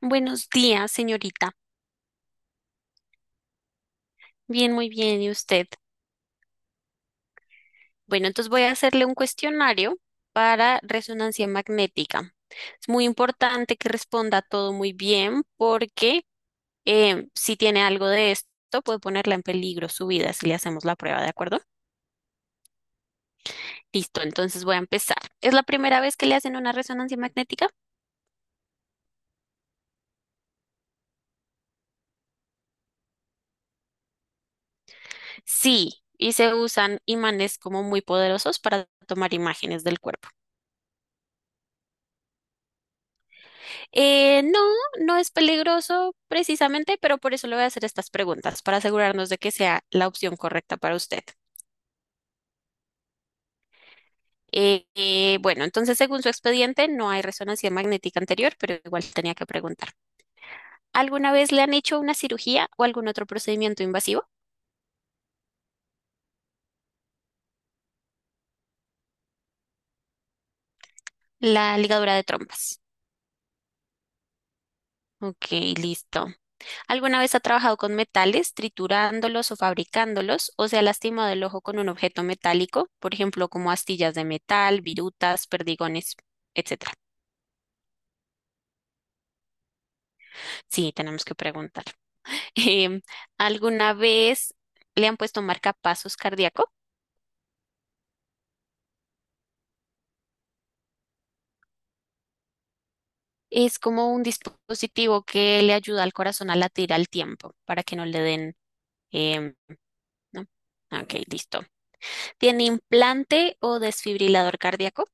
Buenos días, señorita. Bien, muy bien. ¿Y usted? Bueno, entonces voy a hacerle un cuestionario para resonancia magnética. Es muy importante que responda todo muy bien porque si tiene algo de esto, puede ponerla en peligro su vida si le hacemos la prueba, ¿de acuerdo? Listo, entonces voy a empezar. ¿Es la primera vez que le hacen una resonancia magnética? Sí, y se usan imanes como muy poderosos para tomar imágenes del cuerpo. No, no es peligroso precisamente, pero por eso le voy a hacer estas preguntas, para asegurarnos de que sea la opción correcta para usted. Bueno, entonces, según su expediente, no hay resonancia magnética anterior, pero igual tenía que preguntar. ¿Alguna vez le han hecho una cirugía o algún otro procedimiento invasivo? La ligadura de trompas. Ok, listo. ¿Alguna vez ha trabajado con metales, triturándolos o fabricándolos, o se ha lastimado el ojo con un objeto metálico, por ejemplo, como astillas de metal, virutas, perdigones, etcétera? Sí, tenemos que preguntar. Em, ¿alguna vez le han puesto marcapasos cardíaco? Es como un dispositivo que le ayuda al corazón a latir al tiempo para que no le den, em, ¿no? Ok, listo. ¿Tiene implante o desfibrilador cardíaco?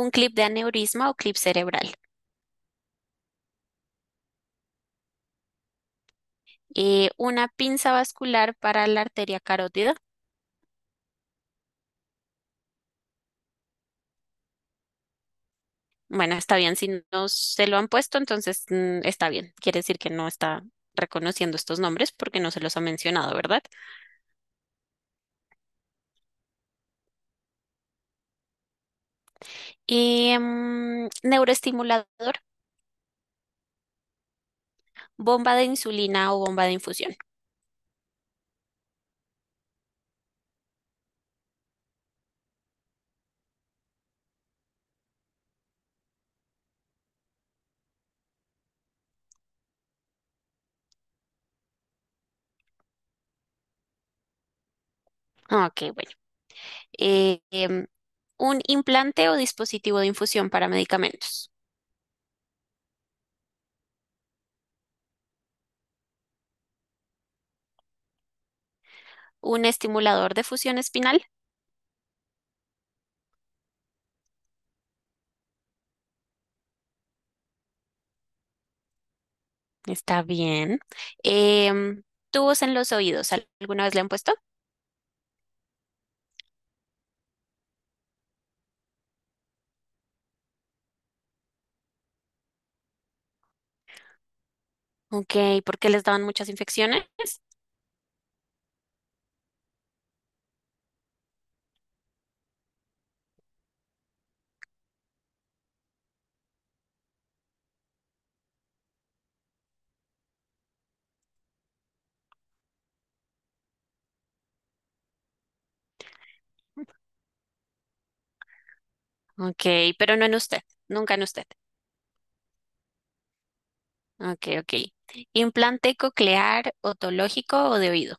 ¿Un clip de aneurisma o clip cerebral? Una pinza vascular para la arteria carótida. Bueno, está bien, si no se lo han puesto, entonces está bien. Quiere decir que no está reconociendo estos nombres porque no se los ha mencionado, ¿verdad? Neuroestimulador, bomba de insulina o bomba de infusión. Ah, Ok, bueno. Eh, em, un implante o dispositivo de infusión para medicamentos. Un estimulador de fusión espinal. Está bien. Em, Tubos en los oídos. ¿Alguna vez le han puesto? Ok, ¿por qué les daban muchas infecciones? Ok, pero no en usted, nunca en usted. Ok, ok. ¿Implante coclear, otológico o de oído?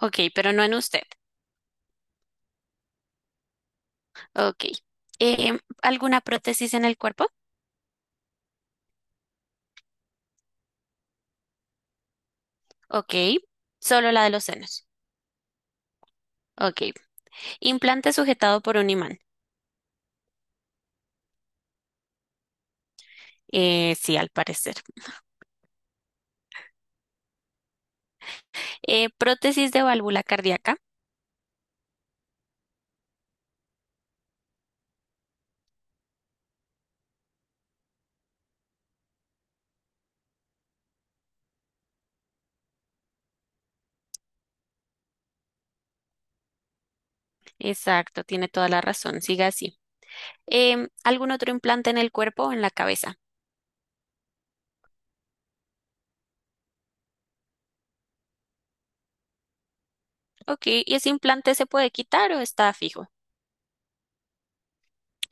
Ok, pero no en usted. Ok. ¿Alguna prótesis en el cuerpo? Ok. Solo la de los senos. Ok. Implante sujetado por un imán. Sí, al parecer. Prótesis de válvula cardíaca. Exacto, tiene toda la razón. Siga así. Algún otro implante en el cuerpo o en la cabeza. Ok, ¿y ese implante se puede quitar o está fijo?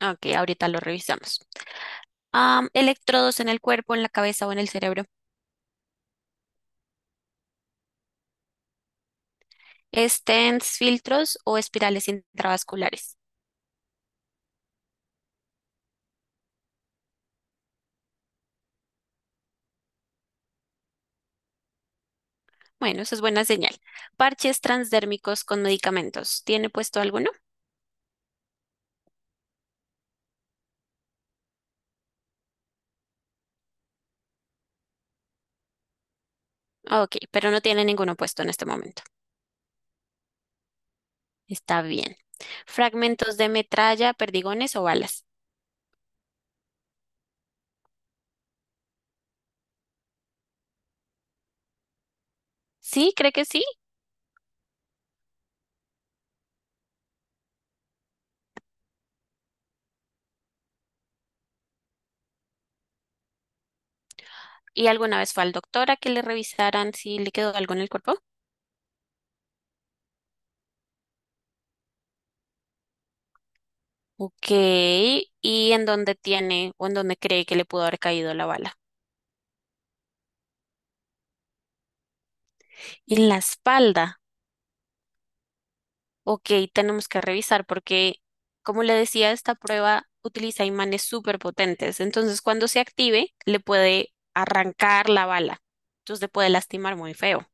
Ok, ahorita lo revisamos. Electrodos en el cuerpo, en la cabeza o en el cerebro. Stents, filtros o espirales intravasculares. Bueno, eso es buena señal. Parches transdérmicos con medicamentos. ¿Tiene puesto alguno? Ok, pero no tiene ninguno puesto en este momento. Está bien. Fragmentos de metralla, perdigones o balas. Sí, cree que sí. ¿Y alguna vez fue al doctor a que le revisaran si le quedó algo en el cuerpo? Ok, ¿y en dónde tiene o en dónde cree que le pudo haber caído la bala? En la espalda. Ok, tenemos que revisar porque, como le decía, esta prueba utiliza imanes súper potentes. Entonces, cuando se active, le puede arrancar la bala. Entonces, le puede lastimar muy feo.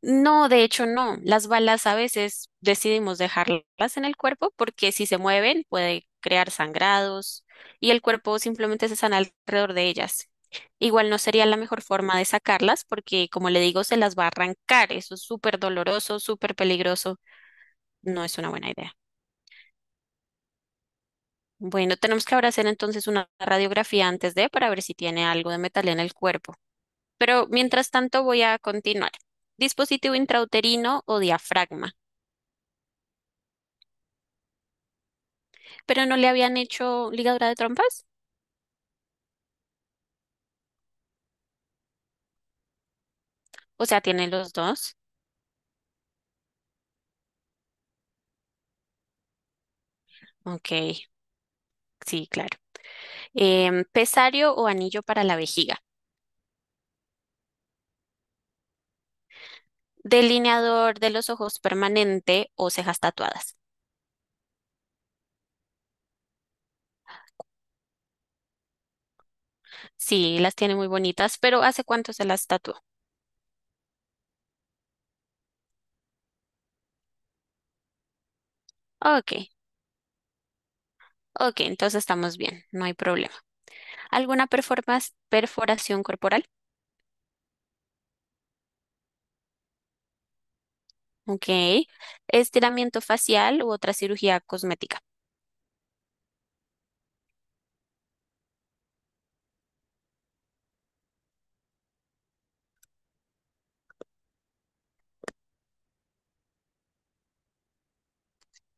No, de hecho no. Las balas a veces decidimos dejarlas en el cuerpo porque si se mueven puede crear sangrados y el cuerpo simplemente se sana alrededor de ellas. Igual no sería la mejor forma de sacarlas porque, como le digo, se las va a arrancar. Eso es súper doloroso, súper peligroso. No es una buena idea. Bueno, tenemos que ahora hacer entonces una radiografía antes de para ver si tiene algo de metal en el cuerpo. Pero mientras tanto voy a continuar. Dispositivo intrauterino o diafragma. Pero no le habían hecho ligadura de trompas. O sea, tiene los dos. Ok, sí, claro. Pesario o anillo para la vejiga. Delineador de los ojos permanente o cejas tatuadas. Sí, las tiene muy bonitas, pero ¿hace cuánto se las tatuó? Ok, ok, entonces estamos bien, no hay problema. ¿Alguna perforación corporal? Ok. Estiramiento facial u otra cirugía cosmética.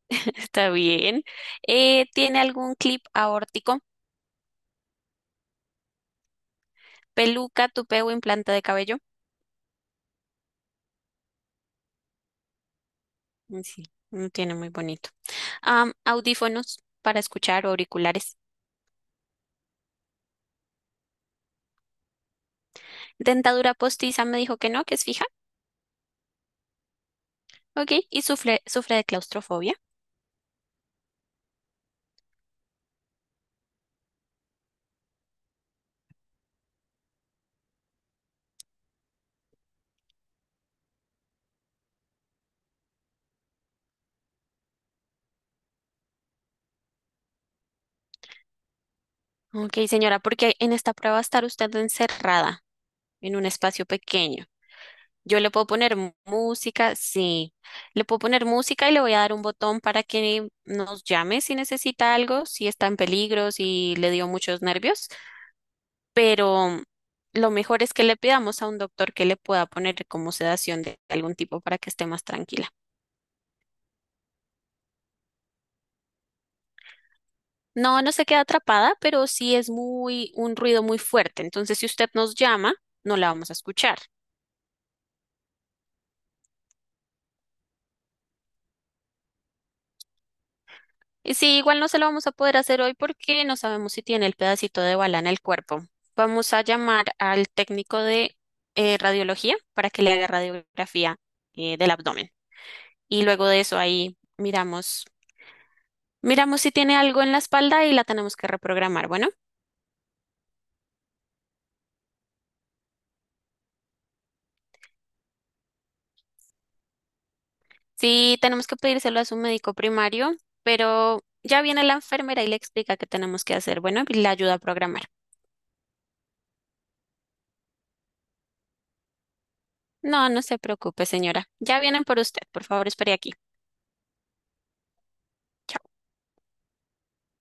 Está bien. ¿Tiene algún clip aórtico? Peluca, tupé o implante de cabello. Mm, sí, no tiene muy bonito. Audífonos para escuchar o auriculares. Dentadura postiza me dijo que no, que es fija. Ok, y sufre, sufre de claustrofobia. Ok, señora, porque en esta prueba va a estar usted encerrada en un espacio pequeño. Yo le puedo poner música, sí. Le puedo poner música y le voy a dar un botón para que nos llame si necesita algo, si está en peligro, si le dio muchos nervios. Pero lo mejor es que le pidamos a un doctor que le pueda poner como sedación de algún tipo para que esté más tranquila. No, no se queda atrapada, pero sí es muy, un ruido muy fuerte. Entonces, si usted nos llama, no la vamos a escuchar. Y sí, igual no se lo vamos a poder hacer hoy porque no sabemos si tiene el pedacito de bala en el cuerpo. Vamos a llamar al técnico de radiología para que le haga radiografía del abdomen. Y luego de eso ahí miramos, miramos si tiene algo en la espalda y la tenemos que reprogramar. Bueno, sí tenemos que pedírselo a su médico primario, pero ya viene la enfermera y le explica qué tenemos que hacer. Bueno, y le ayuda a programar. No, no se preocupe, señora. Ya vienen por usted. Por favor, espere aquí. Chao.